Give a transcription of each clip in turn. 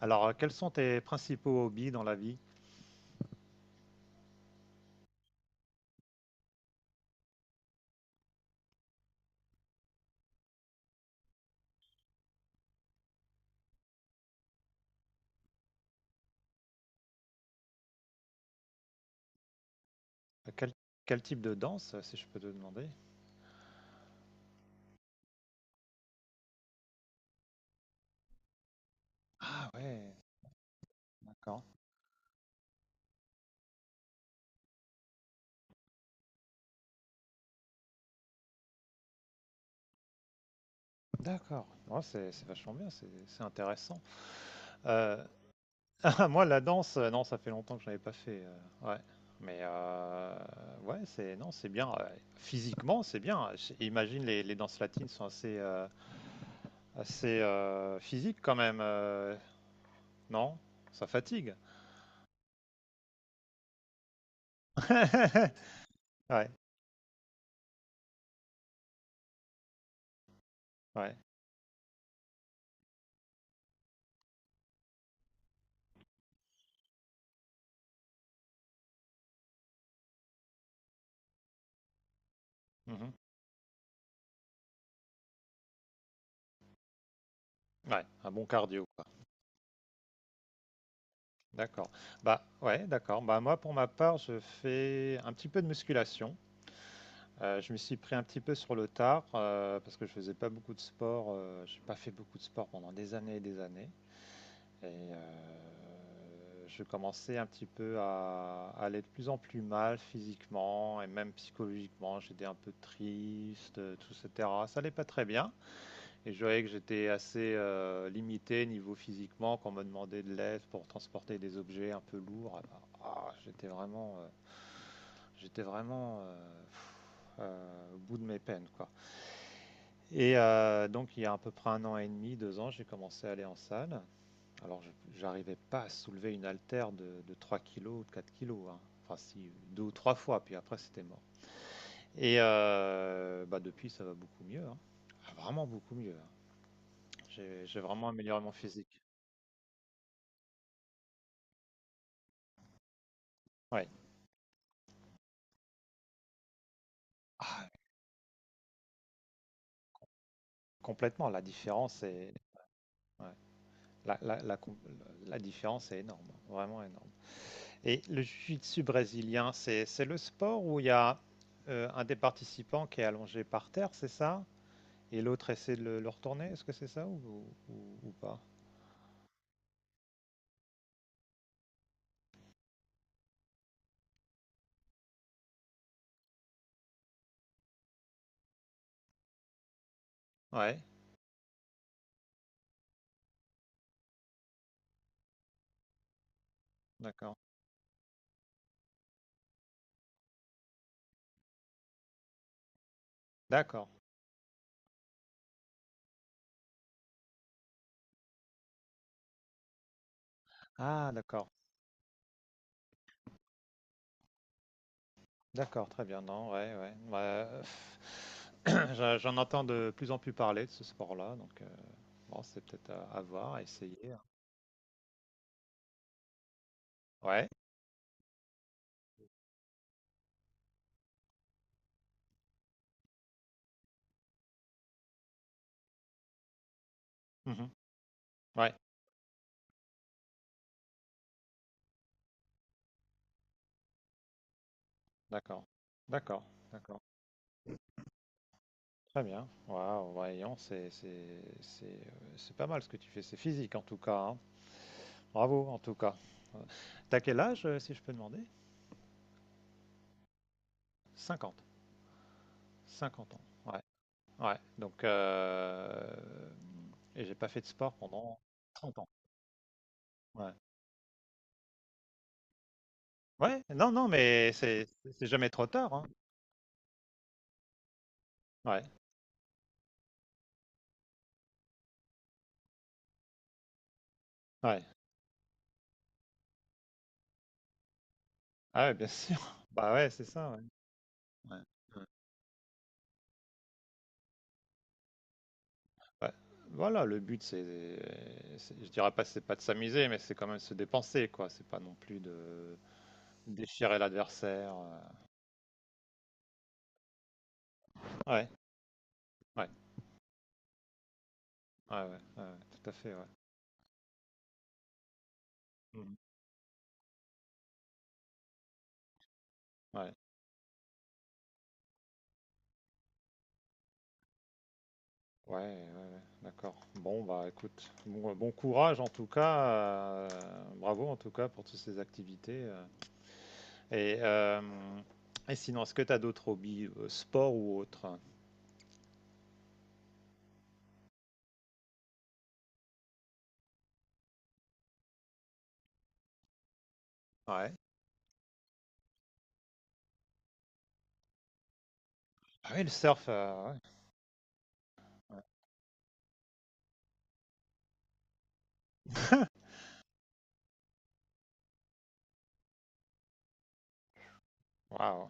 Alors, quels sont tes principaux hobbies dans la vie? Quel, quel type de danse, si je peux te demander? Ah ouais, d'accord. D'accord. Oh, c'est vachement bien, c'est intéressant. Euh, moi, la danse, non, ça fait longtemps que je n'avais pas fait. Ouais. Mais ouais, c'est non, c'est bien. Physiquement, c'est bien. Imagine les danses latines sont assez, physiques quand même, non? Ça fatigue. Ouais, ouais. Mhm. Ouais, un bon cardio, quoi. D'accord. Bah, ouais, d'accord. Bah, moi, pour ma part, je fais un petit peu de musculation. Je me suis pris un petit peu sur le tard parce que je faisais pas beaucoup de sport. J'ai pas fait beaucoup de sport pendant des années. Et je commençais un petit peu à aller de plus en plus mal physiquement et même psychologiquement. J'étais un peu triste, tout, etc. Ça allait pas très bien. Et je voyais que j'étais assez limité niveau physiquement quand on me demandait de l'aide pour transporter des objets un peu lourds. Alors, ah, j'étais vraiment, j'étais vraiment euh, pff, au bout de mes peines, quoi. Et donc il y a à peu près un an et demi, deux ans, j'ai commencé à aller en salle. Alors j'arrivais pas à soulever une haltère de 3 kilos ou de 4 kilos, hein. Enfin si, deux ou trois fois, puis après c'était mort. Et bah, depuis ça va beaucoup mieux, hein. Ah, vraiment beaucoup mieux, hein. J'ai vraiment amélioré mon physique. Ouais, complètement. La différence ouais, la, la- la com- la différence est énorme, vraiment énorme. Et le jiu-jitsu brésilien, c'est le sport où il y a un des participants qui est allongé par terre, c'est ça? Et l'autre essaie de le retourner, est-ce que c'est ça ou pas? Ouais, d'accord. D'accord. Ah, d'accord. D'accord, très bien. Non, ouais, ouais. Ouais. J'en entends de plus en plus parler de ce sport-là, donc bon, c'est peut-être à voir, à essayer. Ouais. Mhm. Ouais. D'accord, d'accord, d'accord. Très bien. Waouh, voyons, c'est pas mal ce que tu fais. C'est physique en tout cas, hein. Bravo en tout cas. Euh, T'as quel âge, si je peux demander? 50, 50 ans. Ouais. Ouais. Donc, et j'ai pas fait de sport pendant 30 ans. Ouais. Ouais. Non, non, mais c'est jamais trop tard, hein. Ouais. Ouais. Ah, ouais, bien sûr. Bah ouais, c'est ça, ouais. Ouais. Ouais. Ouais. Voilà, le but, je dirais pas, c'est pas de s'amuser, mais c'est quand même se dépenser, quoi. C'est pas non plus de déchirer l'adversaire. Ouais, ouais, ouais, ouais, ouais, ouais, tout à fait, ouais. Mhm. Ouais, ouais, ouais, ouais, d'accord. Bon, bah, écoute, bon, bon courage en tout cas, bravo en tout cas pour toutes ces activités. Et, euh, et sinon, est-ce que tu as d'autres hobbies, sport ou autre? Ouais. Ah oui, le surf, ouais. Waouh.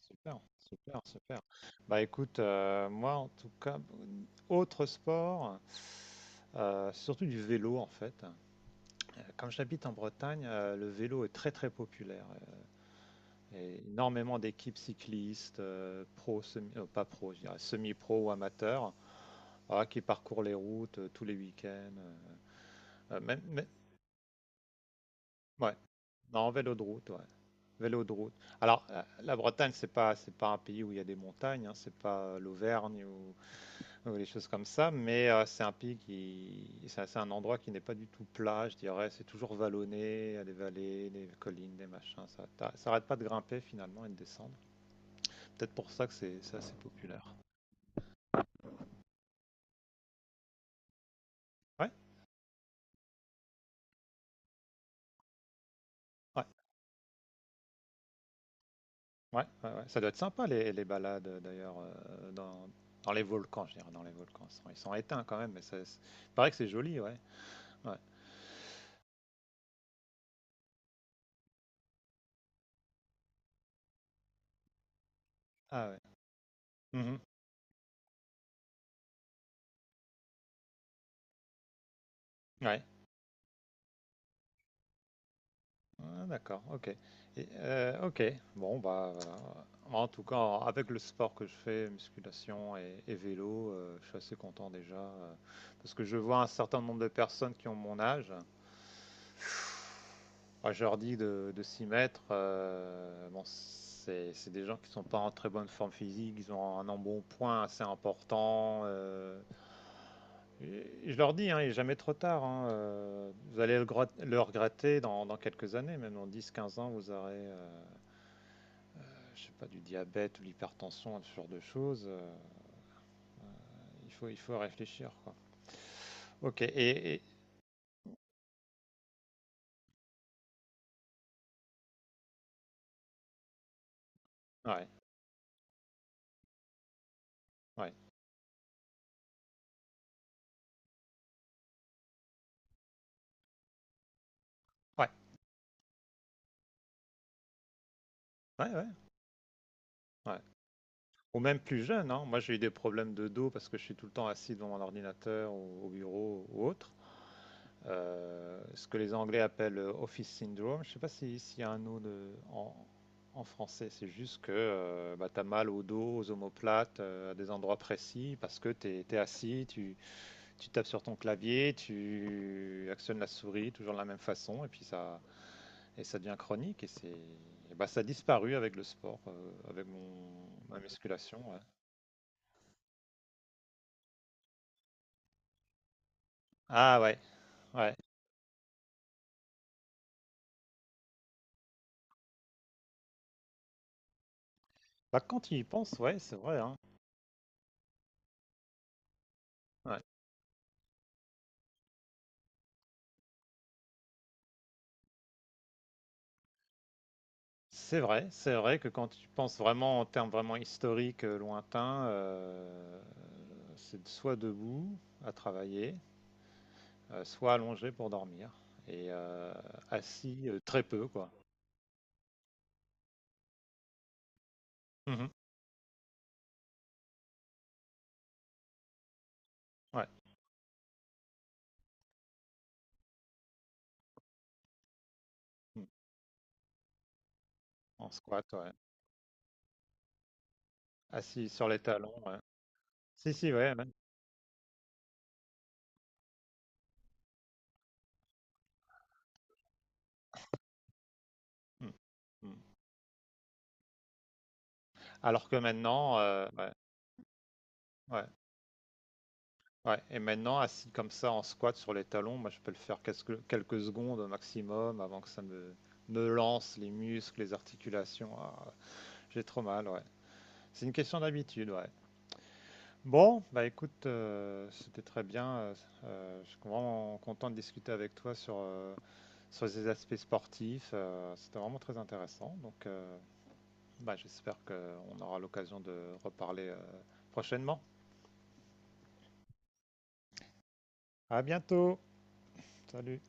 Super, super, super. Bah écoute, moi en tout cas, autre sport, surtout du vélo en fait. Comme j'habite en Bretagne, le vélo est très très populaire. Et énormément d'équipes cyclistes, pro, semi, pas pro, je dirais, semi-pro ou amateurs, ah, qui parcourent les routes tous les week-ends, même, ouais, non, vélo de route, ouais. Vélo de route. Alors, la Bretagne, c'est pas un pays où il y a des montagnes, hein, c'est pas l'Auvergne ou des choses comme ça, mais c'est un pays qui, c'est un endroit qui n'est pas du tout plat, je dirais. C'est toujours vallonné, il y a des vallées, des collines, des machins. Ça arrête pas de grimper finalement et de descendre. Peut-être pour ça que c'est assez populaire. Ouais, ouais, ouais, ouais, ouais. Ça doit être sympa les balades d'ailleurs dans les volcans, je dirais, dans les volcans. Ils sont éteints quand même, mais ça, il paraît que c'est joli, ouais. Ouais. Ah ouais. Mhm. Ouais. Ah, d'accord, ok. Et, ok, bon, bah, en tout cas, avec le sport que je fais, musculation et vélo, je suis assez content déjà. Parce que je vois un certain nombre de personnes qui ont mon âge. Moi, je leur dis de s'y mettre. Bon, c'est des gens qui sont pas en très bonne forme physique, ils ont un embonpoint assez important. Et je leur dis, hein, il n'est jamais trop tard, hein. Vous allez le, le regretter dans quelques années, même dans dix, quinze ans, vous aurez. Je sais pas, du diabète ou l'hypertension, ce genre de choses, il faut réfléchir, quoi. Ok, ouais, ouais, ouais, ouais, ouais, ouais. Ou même plus jeune, hein. Moi, j'ai eu des problèmes de dos parce que je suis tout le temps assis devant mon ordinateur ou au bureau ou autre. Ce que les Anglais appellent office syndrome. Je sais pas s'il y a un mot en en français. C'est juste que tu as mal au dos, aux omoplates, à des endroits précis parce que tu es, assis, tu tapes sur ton clavier, tu actionnes la souris toujours de la même façon, et puis et ça devient chronique. Et bah, ça a disparu avec le sport, avec ma musculation, ouais. Ah ouais, ouais. Bah, quand tu y penses, ouais, c'est vrai, hein. Ouais. C'est vrai que quand tu penses vraiment en termes vraiment historiques, lointains, c'est soit debout à travailler, soit allongé pour dormir, et assis très peu, quoi. Mhm. Ouais. Mm. En squat, ouais. Ah si, sur les talons, ouais. Si, si, ouais, même. Mm. Mm. Alors que maintenant, ouais, ouais, ouais. Et maintenant, assis comme ça en squat sur les talons, moi je peux le faire quelques, quelques secondes au maximum avant que ça me lance les muscles, les articulations. Ah, j'ai trop mal, ouais. C'est une question d'habitude, ouais. Bon, bah écoute, c'était très bien. Je suis vraiment content de discuter avec toi sur, sur ces aspects sportifs. C'était vraiment très intéressant. Donc, bah, j'espère qu'on aura l'occasion de reparler prochainement. À bientôt. Salut.